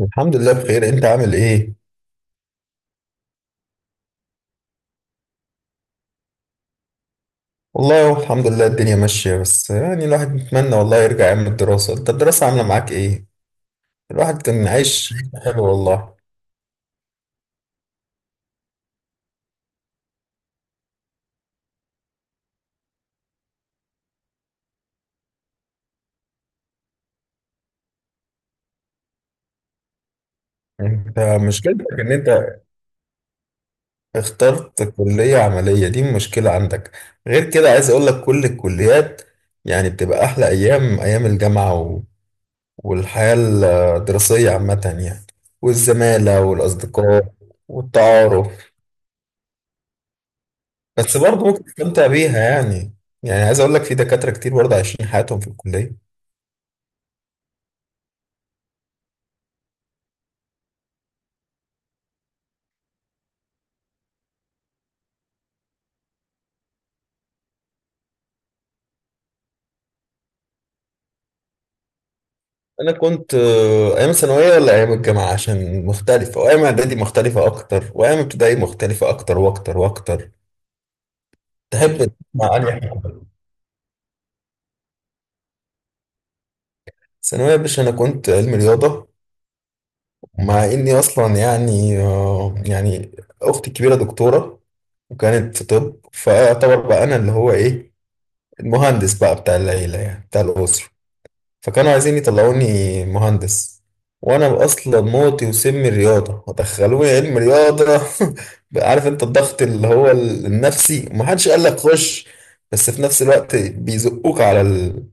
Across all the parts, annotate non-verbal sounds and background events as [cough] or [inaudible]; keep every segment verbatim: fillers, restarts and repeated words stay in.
الحمد لله بخير. انت عامل ايه؟ والله هو الحمد لله الدنيا ماشية، بس يعني الواحد بيتمنى والله يرجع ايام الدراسة. انت الدراسة عاملة معاك ايه؟ الواحد كان عايش. حلو والله. انت مشكلتك ان انت اخترت كلية عملية، دي مشكلة عندك. غير كده عايز اقول لك كل الكليات يعني بتبقى احلى ايام ايام الجامعة و- والحياة الدراسية عامة يعني، والزمالة والاصدقاء والتعارف. بس برضه ممكن تستمتع بيها يعني. يعني عايز اقول لك في دكاتره كتير برضه عايشين حياتهم في الكليه. انا كنت آه، ايام ثانويه ولا ايام الجامعه؟ عشان مختلفه، وايام اعدادي مختلفه اكتر، وايام ابتدائي مختلفه اكتر واكتر واكتر. تحب تسمع انهي حاجه؟ ثانويه يا باشا. انا كنت علمي رياضه، مع اني اصلا يعني آه، يعني اختي الكبيره دكتوره وكانت في طب، فاعتبر بقى انا اللي هو ايه، المهندس بقى بتاع العيله يعني بتاع الاسره. فكانوا عايزين يطلعوني مهندس، وانا اصلا موتي وسمي الرياضه، ودخلوني علم رياضه [laughs] عارف انت الضغط اللي هو النفسي ومحدش قال لك خش، بس في نفس الوقت بيزقوك على ال...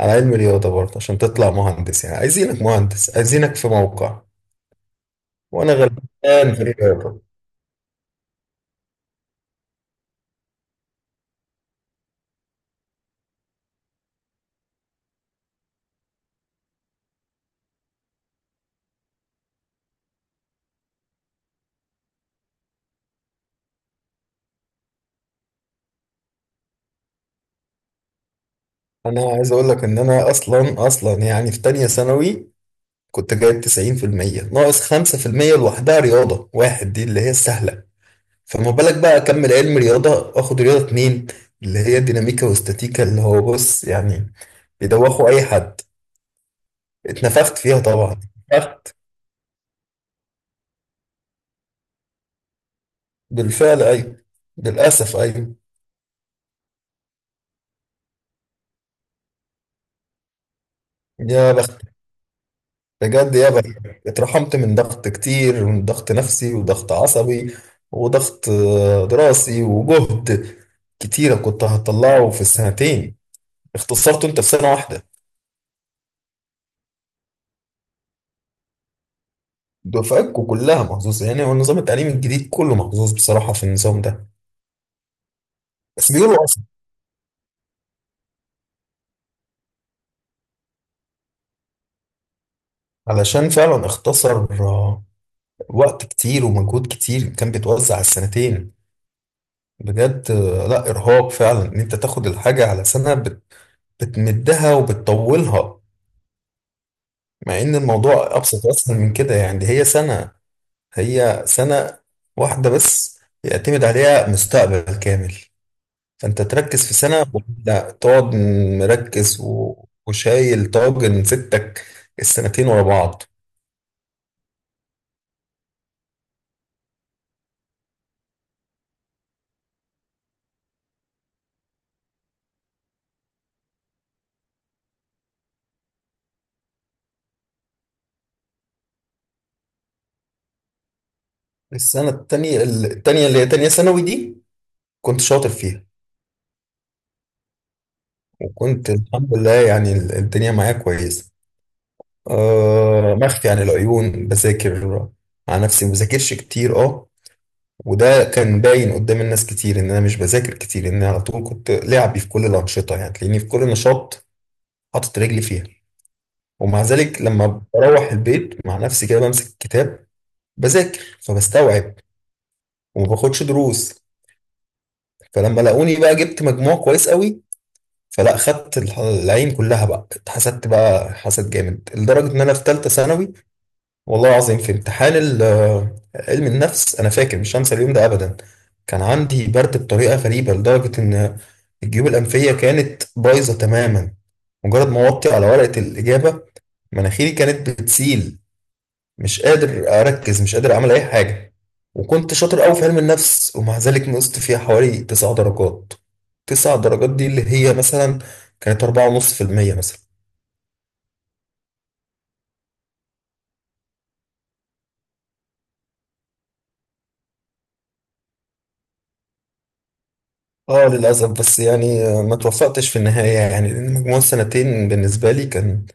على علم رياضه برضه عشان تطلع مهندس، يعني عايزينك مهندس، عايزينك في موقع. وانا غلبان في الرياضه. انا عايز اقول لك ان انا اصلا اصلا يعني في تانية ثانوي كنت جايب تسعين في المية ناقص خمسة في المية، لوحدها رياضه واحد دي اللي هي السهله. فما بالك بقى اكمل علم رياضه واخد رياضه اتنين، اللي هي ديناميكا واستاتيكا، اللي هو بص يعني بيدوخوا اي حد. اتنفخت فيها طبعا. اتنفخت. بالفعل ايوه. للاسف ايوه. يا بخت، بجد يا بخت. اترحمت من ضغط كتير، من ضغط نفسي وضغط عصبي وضغط آه، دراسي، وجهد كتيرة كنت هطلعه في السنتين اختصرته انت في سنة واحدة. دفعتكم كلها محظوظة يعني، هو النظام التعليمي الجديد كله محظوظ بصراحة في النظام ده. بس بيقولوا علشان فعلا اختصر آه، وقت كتير ومجهود كتير كان بيتوزع على السنتين. بجد آه، لا إرهاق فعلا إن أنت تاخد الحاجة على سنة بت- بتمدها وبتطولها، مع إن الموضوع أبسط وأسهل من كده يعني. دي هي سنة هي سنة واحدة بس يعتمد عليها مستقبل كامل. فأنت تركز في سنة ولا تقعد مركز و- وشايل طاجن ستك السنتين ورا بعض. السنة التانية التانية اللي هي تانية ثانوي دي كنت شاطر فيها. وكنت الحمد لله يعني ال- الدنيا معايا كويسة. آه، مخفي عن العيون بذاكر على نفسي، ما بذاكرش كتير اه. وده كان باين قدام الناس كتير ان انا مش بذاكر كتير، ان انا على طول كنت لعبي في كل الانشطه، يعني تلاقيني في كل نشاط حاطط رجلي فيها. ومع ذلك لما بروح البيت مع نفسي كده بمسك الكتاب بذاكر فبستوعب، وما باخدش دروس. فلما لاقوني بقى جبت مجموع كويس قوي، فلا خدت الح- العين كلها بقى، اتحسدت بقى حسد جامد لدرجة ان انا في ثالثة ثانوي والله العظيم، في امتحان ال- آه، علم النفس، انا فاكر مش هنسى اليوم ده ابدا. كان عندي برد بطريقة غريبة لدرجة ان الجيوب الانفية كانت بايظة تماما. مجرد ما وطي على ورقة الاجابة مناخيري كانت بتسيل، مش قادر اركز، مش قادر اعمل اي حاجه. وكنت شاطر قوي في علم النفس ومع ذلك نقصت فيها حوالي تسع درجات. تسع درجات دي اللي هي مثلا كانت أربعة ونص في المية مثلا. اه للأسف، بس يعني آه، ما توفقتش في النهاية يعني، لأن مجموع السنتين بالنسبة لي كان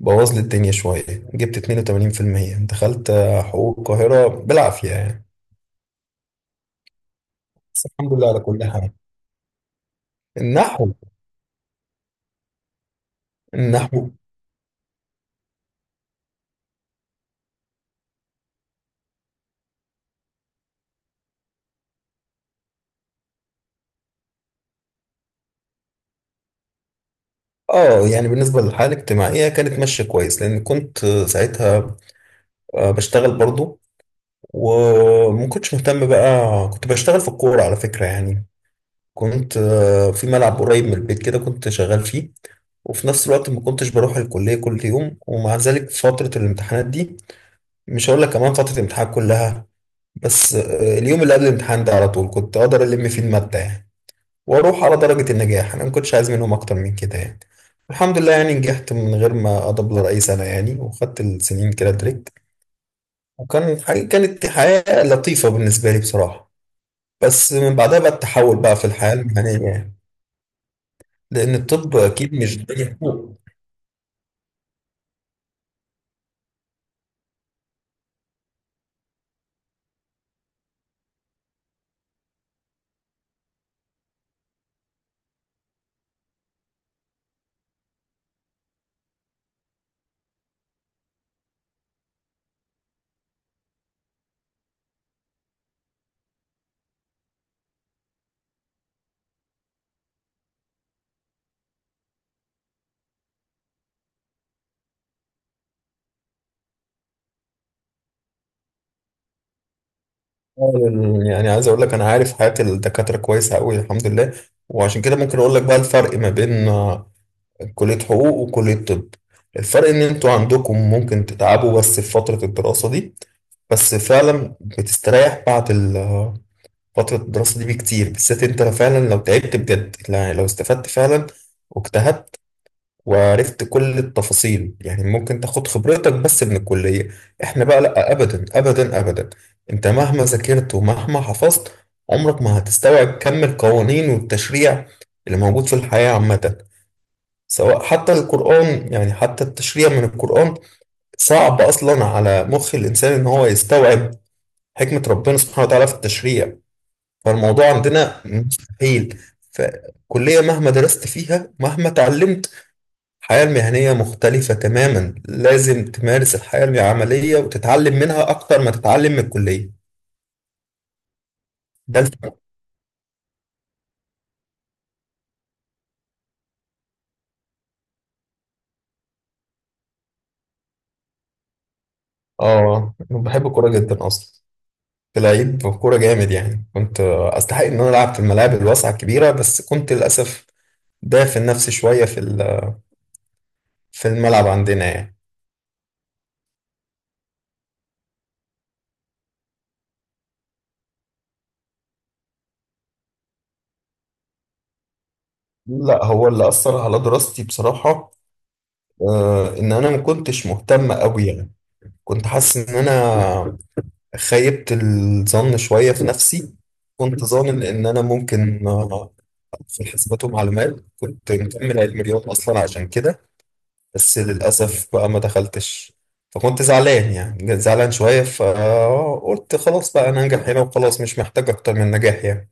بوظ لي الدنيا شوية. جبت اتنين وتمانين في المية دخلت آه، حقوق القاهرة بالعافية يعني. بس الحمد لله على كل حال. النحو. النحو. اه يعني بالنسبة للحالة الاجتماعية كانت ماشية كويس، لأن كنت آه، ساعتها آه، بشتغل برضو. وما كنتش مهتم بقى، كنت بشتغل في الكورة على فكرة يعني. كنت آه، في ملعب قريب من البيت كده، كنت شغال فيه. وفي نفس الوقت ما كنتش بروح الكلية كل يوم. ومع ذلك فترة الامتحانات دي، مش هقول لك كمان فترة الامتحان كلها، بس آه، اليوم اللي قبل الامتحان ده على طول كنت أقدر ألم فيه المادة يعني، وأروح على درجة النجاح. أنا ما كنتش عايز منهم أكتر من كده يعني. الحمد لله يعني نجحت من غير ما أدبلر أي سنة يعني، وخدت السنين كده تريك. وكان حاجة، كانت حياة لطيفة بالنسبة لي بصراحة. بس من بعدها بقى التحول بقى في الحياة المهنية يعني، لأن الطب أكيد مش زي حقوق. يعني عايز أقول لك أنا عارف حياة الدكاترة كويسة أوي الحمد لله. وعشان كده ممكن أقول لك بقى الفرق ما بين آه، كلية حقوق وكلية طب. الفرق إن أنتوا عندكم ممكن تتعبوا بس في فترة الدراسة دي، بس فعلا بتستريح بعد ال- آه، فترة الدراسة دي بكتير. بالذات أنت فعلا لو تعبت بجد يعني، لو استفدت فعلا واجتهدت وعرفت كل التفاصيل يعني، ممكن تاخد خبرتك بس من الكلية. احنا بقى لا، ابدا ابدا ابدا. انت مهما ذاكرت ومهما حفظت عمرك ما هتستوعب كم القوانين والتشريع اللي موجود في الحياة عامة، سواء حتى القرآن، يعني حتى التشريع من القرآن صعب أصلا على مخ الإنسان إن هو يستوعب حكمة ربنا سبحانه وتعالى في التشريع. فالموضوع عندنا مستحيل. فكلية مهما درست فيها مهما اتعلمت، الحياة المهنية مختلفة تماما. لازم تمارس الحياة العملية وتتعلم منها أكتر ما تتعلم من الكلية. ده الفرق. آه، أنا بحب الكورة جدا أصلا. كنت لعيب كورة جامد يعني، كنت آه، أستحق إن أنا ألعب في الملاعب الواسعة الكبيرة، بس كنت للأسف دافن نفسي شوية في ال- في الملعب عندنا يعني. لا، هو اللي أثر على دراستي بصراحة آه، إن أنا ما كنتش مهتم أوي يعني. كنت حاسس إن أنا خيبت الظن شوية في نفسي. كنت ظانن إن أنا ممكن آه، في حسابات ومعلومات كنت مكمل علم رياضة أصلا عشان كده. بس للأسف بقى ما دخلتش. فكنت زعلان، يعني زعلان شوية، فقلت خلاص بقى أنا أنجح هنا وخلاص، مش محتاج أكتر من نجاح يعني.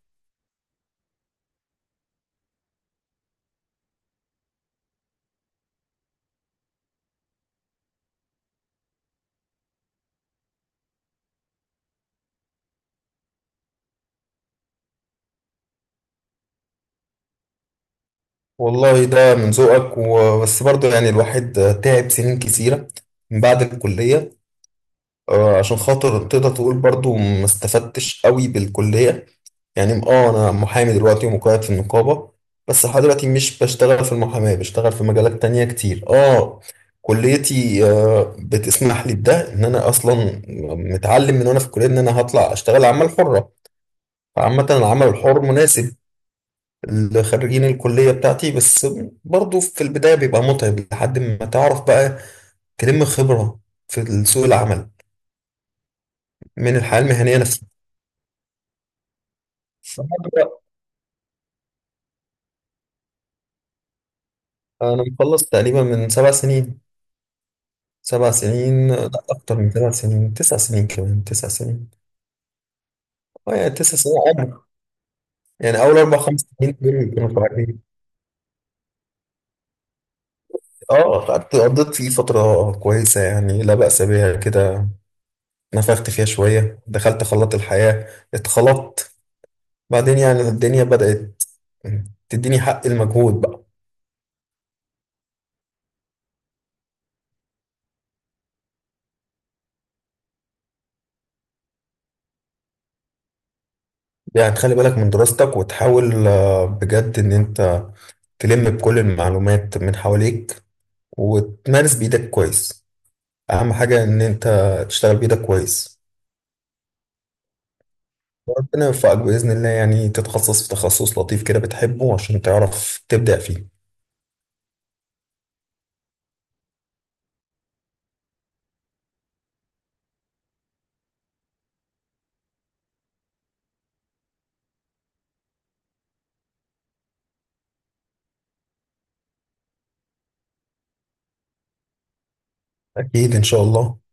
والله ده من ذوقك، وبس برضه يعني الواحد تعب سنين كتيرة من بعد الكلية آه، عشان خاطر تقدر تقول برضه ما استفدتش قوي بالكلية. يعني اه انا محامي دلوقتي ومقيد في النقابة، بس لحد دلوقتي مش بشتغل في المحاماة، بشتغل في مجالات تانية كتير اه. كليتي آه، بتسمح لي بده، ان انا اصلا متعلم من وانا في الكلية ان انا هطلع اشتغل عمل حرة. فعامة العمل الحر مناسب لخريجين الكلية بتاعتي، بس برضو في البداية بيبقى متعب لحد ما تعرف بقى تلم خبرة في سوق العمل من الحياة المهنية نفسها. فأنا أنا مخلص تقريبا من سبع سنين. سبع سنين، لا، أكتر من سبع سنين، تسع سنين. كمان تسع سنين. اه يعني تسع سنين عمر. يعني أول أربع خمس سنين دول كانوا صعبين. اه قعدت قضيت فيه فترة كويسة يعني، لا بأس بيها كده. نفخت فيها شوية، دخلت خلاط الحياة اتخلطت. بعدين يعني الدنيا بدأت تديني حق المجهود بقى. يعني تخلي بالك من دراستك وتحاول آه، بجد إن أنت تلم بكل المعلومات من حواليك وتمارس بإيدك كويس. أهم حاجة إن أنت تشتغل بإيدك كويس، وربنا يوفقك بإذن الله، يعني تتخصص في تخصص لطيف كده بتحبه عشان تعرف تبدع فيه. أكيد إن شاء الله.